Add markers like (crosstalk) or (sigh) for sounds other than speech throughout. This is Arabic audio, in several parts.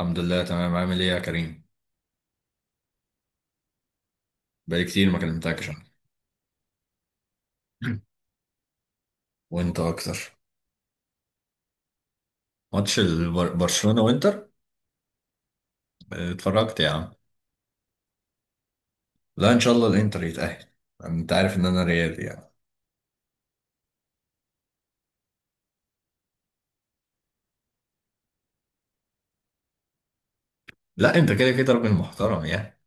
الحمد لله تمام. عامل ايه يا كريم؟ بقالي كتير ما كلمتكش. (clears throat) انا. (laughs) وانت اكتر. ماتش برشلونة وانتر. اتفرجت يا عم. لا، ان شاء الله الانتر يتأهل. انت عارف ان انا ريالي يعني. لا، انت كده كده راجل محترم يعني،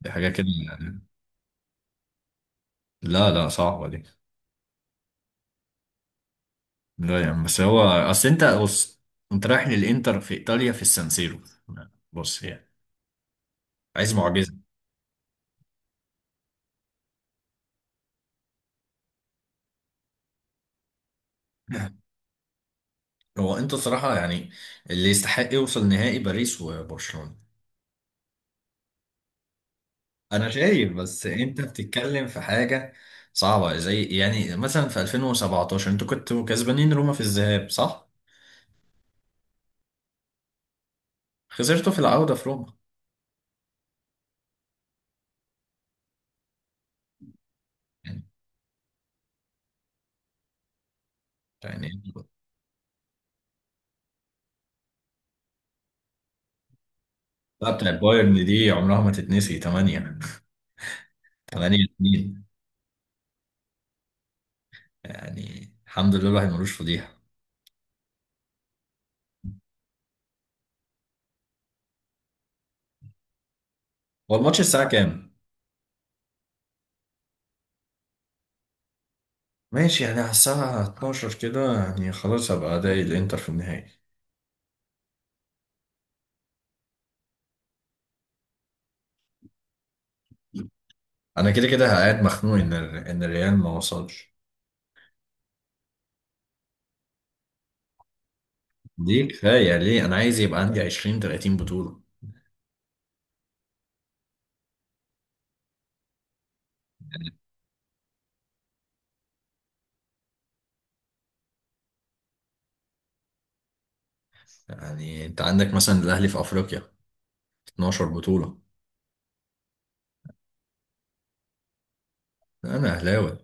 دي حاجة كده يعني. لا لا، صعبة دي. لا يعني، بس هو اصل انت بص، انت رايح للانتر في ايطاليا في السانسيرو، بص يعني عايز معجزة. (clears throat) (laughs) هو انت صراحة يعني اللي يستحق يوصل نهائي باريس وبرشلونة. انا شايف، بس انت بتتكلم في حاجه صعبه، زي يعني مثلا في 2017 انتوا كنتوا كسبانين روما في الذهاب، صح؟ خسرتوا في العوده في روما. يعني. يعني. لا، بتاع بايرن دي عمرها ما تتنسي، 8 8 2. (laughs) يعني الحمد لله الواحد ملوش فضيحه. هو الماتش الساعه كام؟ ماشي يعني، على الساعه 12 كده يعني، خلاص هبقى ادعي الانتر في النهائي. انا كده كده قاعد مخنوق ان ان الريال ما وصلش. دي كفايه ليه، انا عايز يبقى عندي 20 30 بطوله. يعني انت عندك مثلا الاهلي في افريقيا 12 بطولة. انا اهلاوي،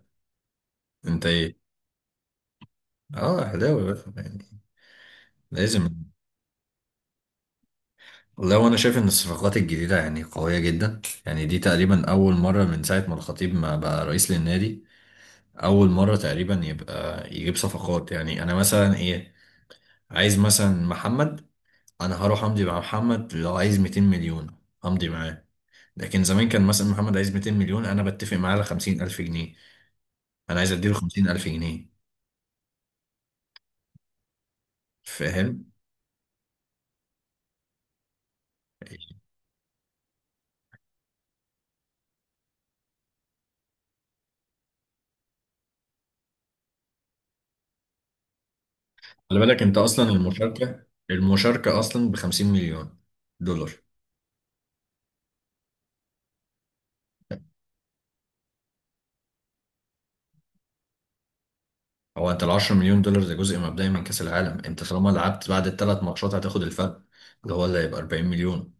انت ايه؟ اه اهلاوي بقى يعني، لازم. والله وانا شايف ان الصفقات الجديدة يعني قوية جدا يعني، دي تقريبا اول مرة من ساعة ما الخطيب ما بقى رئيس للنادي اول مرة تقريبا يبقى يجيب صفقات. يعني انا مثلا ايه، عايز مثلا محمد، انا هروح امضي مع محمد لو عايز 200 مليون، امضي معاه. لكن زمان كان مثلا محمد عايز 200 مليون، انا بتفق معاه على 50,000 جنيه، انا عايز اديله 50,000 جنيه. فاهم؟ خلي بالك انت، اصلا المشاركه اصلا ب 50 مليون دولار. هو انت ال 10 مليون دولار ده جزء مبدئي من كاس العالم، انت طالما لعبت بعد الثلاث ماتشات هتاخد الفرق، اللي هو اللي هيبقى 40 مليون.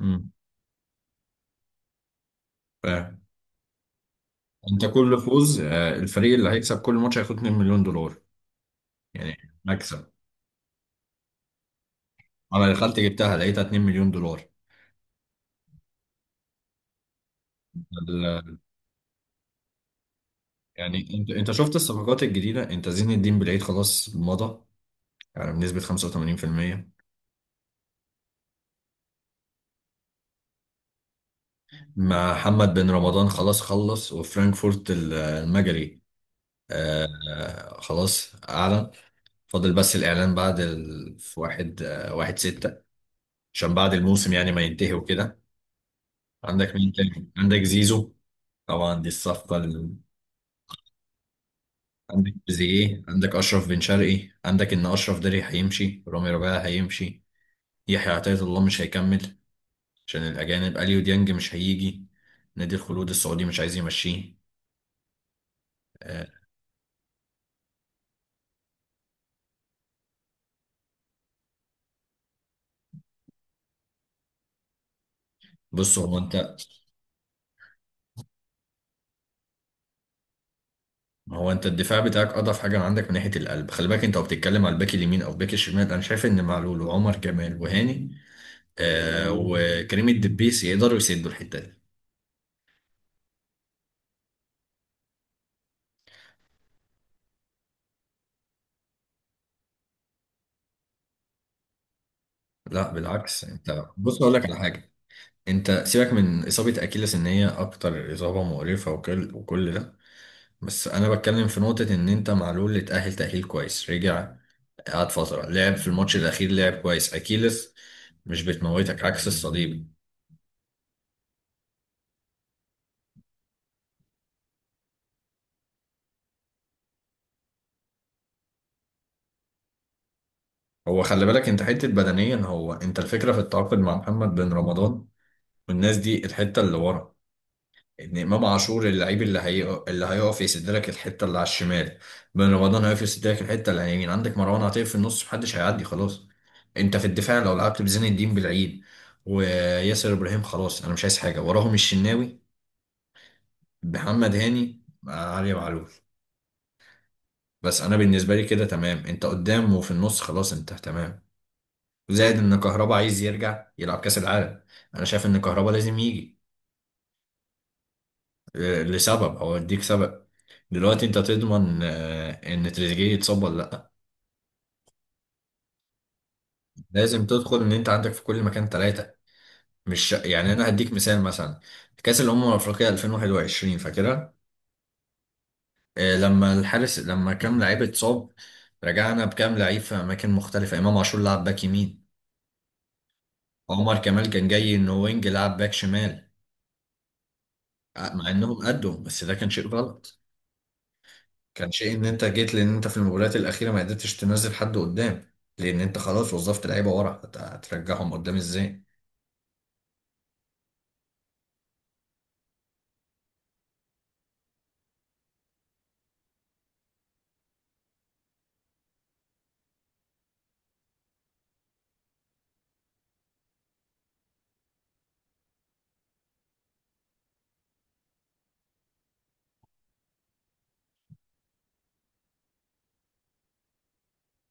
امم. فانت كل فوز، آه، الفريق اللي هيكسب كل ماتش هياخد 2 مليون دولار. يعني مكسب. انا دخلت جبتها لقيتها 2 مليون دولار. ال- يعني انت شفت الصفقات الجديده، انت زين الدين بالعيد خلاص مضى يعني بنسبه 85%. مع محمد بن رمضان خلاص خلص، وفرانكفورت المجري، خلاص أعلن. فاضل بس الإعلان بعد في واحد واحد ستة، عشان بعد الموسم يعني ما ينتهي وكده. عندك مين تاني؟ عندك زيزو، طبعا دي الصفقة عندك تريزيجيه، عندك أشرف بن شرقي، عندك إن أشرف داري هيمشي، رامي ربيعة هيمشي، يحيى عطية الله مش هيكمل عشان الأجانب، أليو ديانج مش هيجي، نادي الخلود السعودي مش عايز يمشيه. آه، بص هو انت. ما هو انت الدفاع بتاعك اضعف حاجه عندك من ناحيه القلب. خلي بالك انت وبتتكلم على الباك اليمين او الباك الشمال، انا شايف ان معلول وعمر جمال وهاني آه وكريم الدبيس يقدروا يسدوا الحته دي. لا بالعكس، انت بص اقول لك على حاجه، انت سيبك من اصابه اكيلس ان هي اكتر اصابه مقرفه وكل ده، بس انا بتكلم في نقطه ان انت معلول اتاهل تاهيل كويس، رجع قعد فتره، لعب في الماتش الاخير لعب كويس. اكيلس مش بتموتك عكس الصليب. هو خلي بالك انت حته بدنيا، هو انت الفكره في التعاقد مع محمد بن رمضان والناس دي الحته اللي ورا، ان امام عاشور اللعيب اللي هي اللي هيقف يسد لك الحته اللي على الشمال، بن رمضان هيقف يسد لك الحته اللي على اليمين، عندك مروان عطيه في النص، محدش هيعدي خلاص. انت في الدفاع لو لعبت بزين الدين بالعيد وياسر ابراهيم خلاص انا مش عايز حاجه، وراهم الشناوي، محمد هاني، آه، علي معلول. بس انا بالنسبه لي كده تمام، انت قدام وفي النص خلاص انت تمام. زائد ان كهربا عايز يرجع يلعب كاس العالم، انا شايف ان كهربا لازم يجي. آه، لسبب او اديك سبب، دلوقتي انت تضمن، آه، ان تريزيجيه يتصاب ولا لا؟ لازم تدخل ان انت عندك في كل مكان ثلاثه. مش يعني، انا هديك مثال مثلا كاس الامم الافريقيه 2021، فاكرها؟ آه، لما الحارس، لما كام لعيب اتصاب، رجعنا بكام لعيب في اماكن مختلفه، امام عاشور لعب باك يمين، عمر كمال كان جاي انه وينج لعب باك شمال، آه، مع انهم قدوا، بس ده كان شيء غلط. كان شيء ان انت جيت، لان انت في المباريات الاخيره ما قدرتش تنزل حد قدام، لان انت خلاص وظفت لعيبه ورا، هترجعهم قدام ازاي؟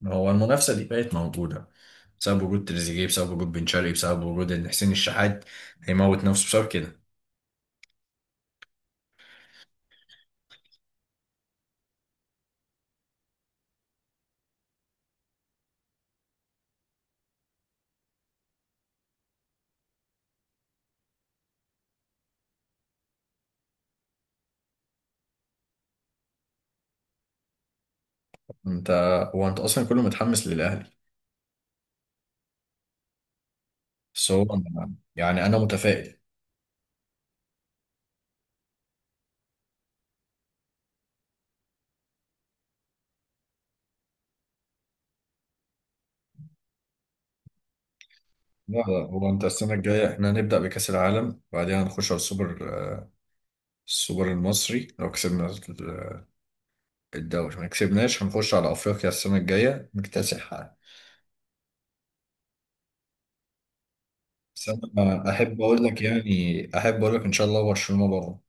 هو المنافسه دي بقت موجوده بسبب وجود تريزيجيه، بسبب وجود بن شرقي، بسبب وجود ان حسين الشحات هيموت نفسه بسبب كده. انت. هو انت اصلا كله متحمس للاهلي. بس هو يعني انا متفائل. لا لا، هو انت السنه الجايه احنا هنبدا بكاس العالم، بعدين هنخش على السوبر، آه، السوبر المصري، لو كسبنا الدوري ما كسبناش هنخش على افريقيا السنه الجايه نكتسحها. بس انا احب اقول لك يعني، احب اقول لك ان شاء الله برشلونه بره.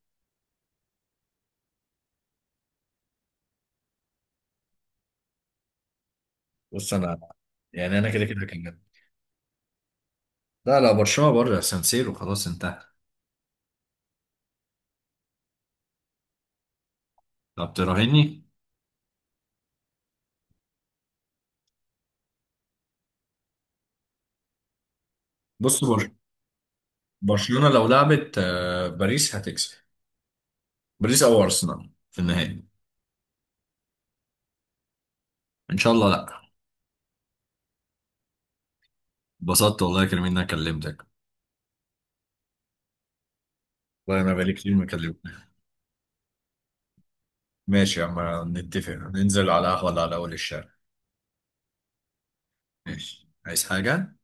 بص انا يعني انا كده كده كده. لا لا، برشلونه بره سانسيرو خلاص انتهى. طب تراهني. بص برشلونه لو لعبت، آه، باريس هتكسب، باريس او ارسنال في النهائي. ان شاء الله. لا. اتبسطت والله يا كريم ان انا كلمتك. والله انا بقالي كتير ما كلمتك. ماشي يا عم، نتفق ننزل على قهوه ولا على اول الشارع؟ ماشي، عايز حاجه؟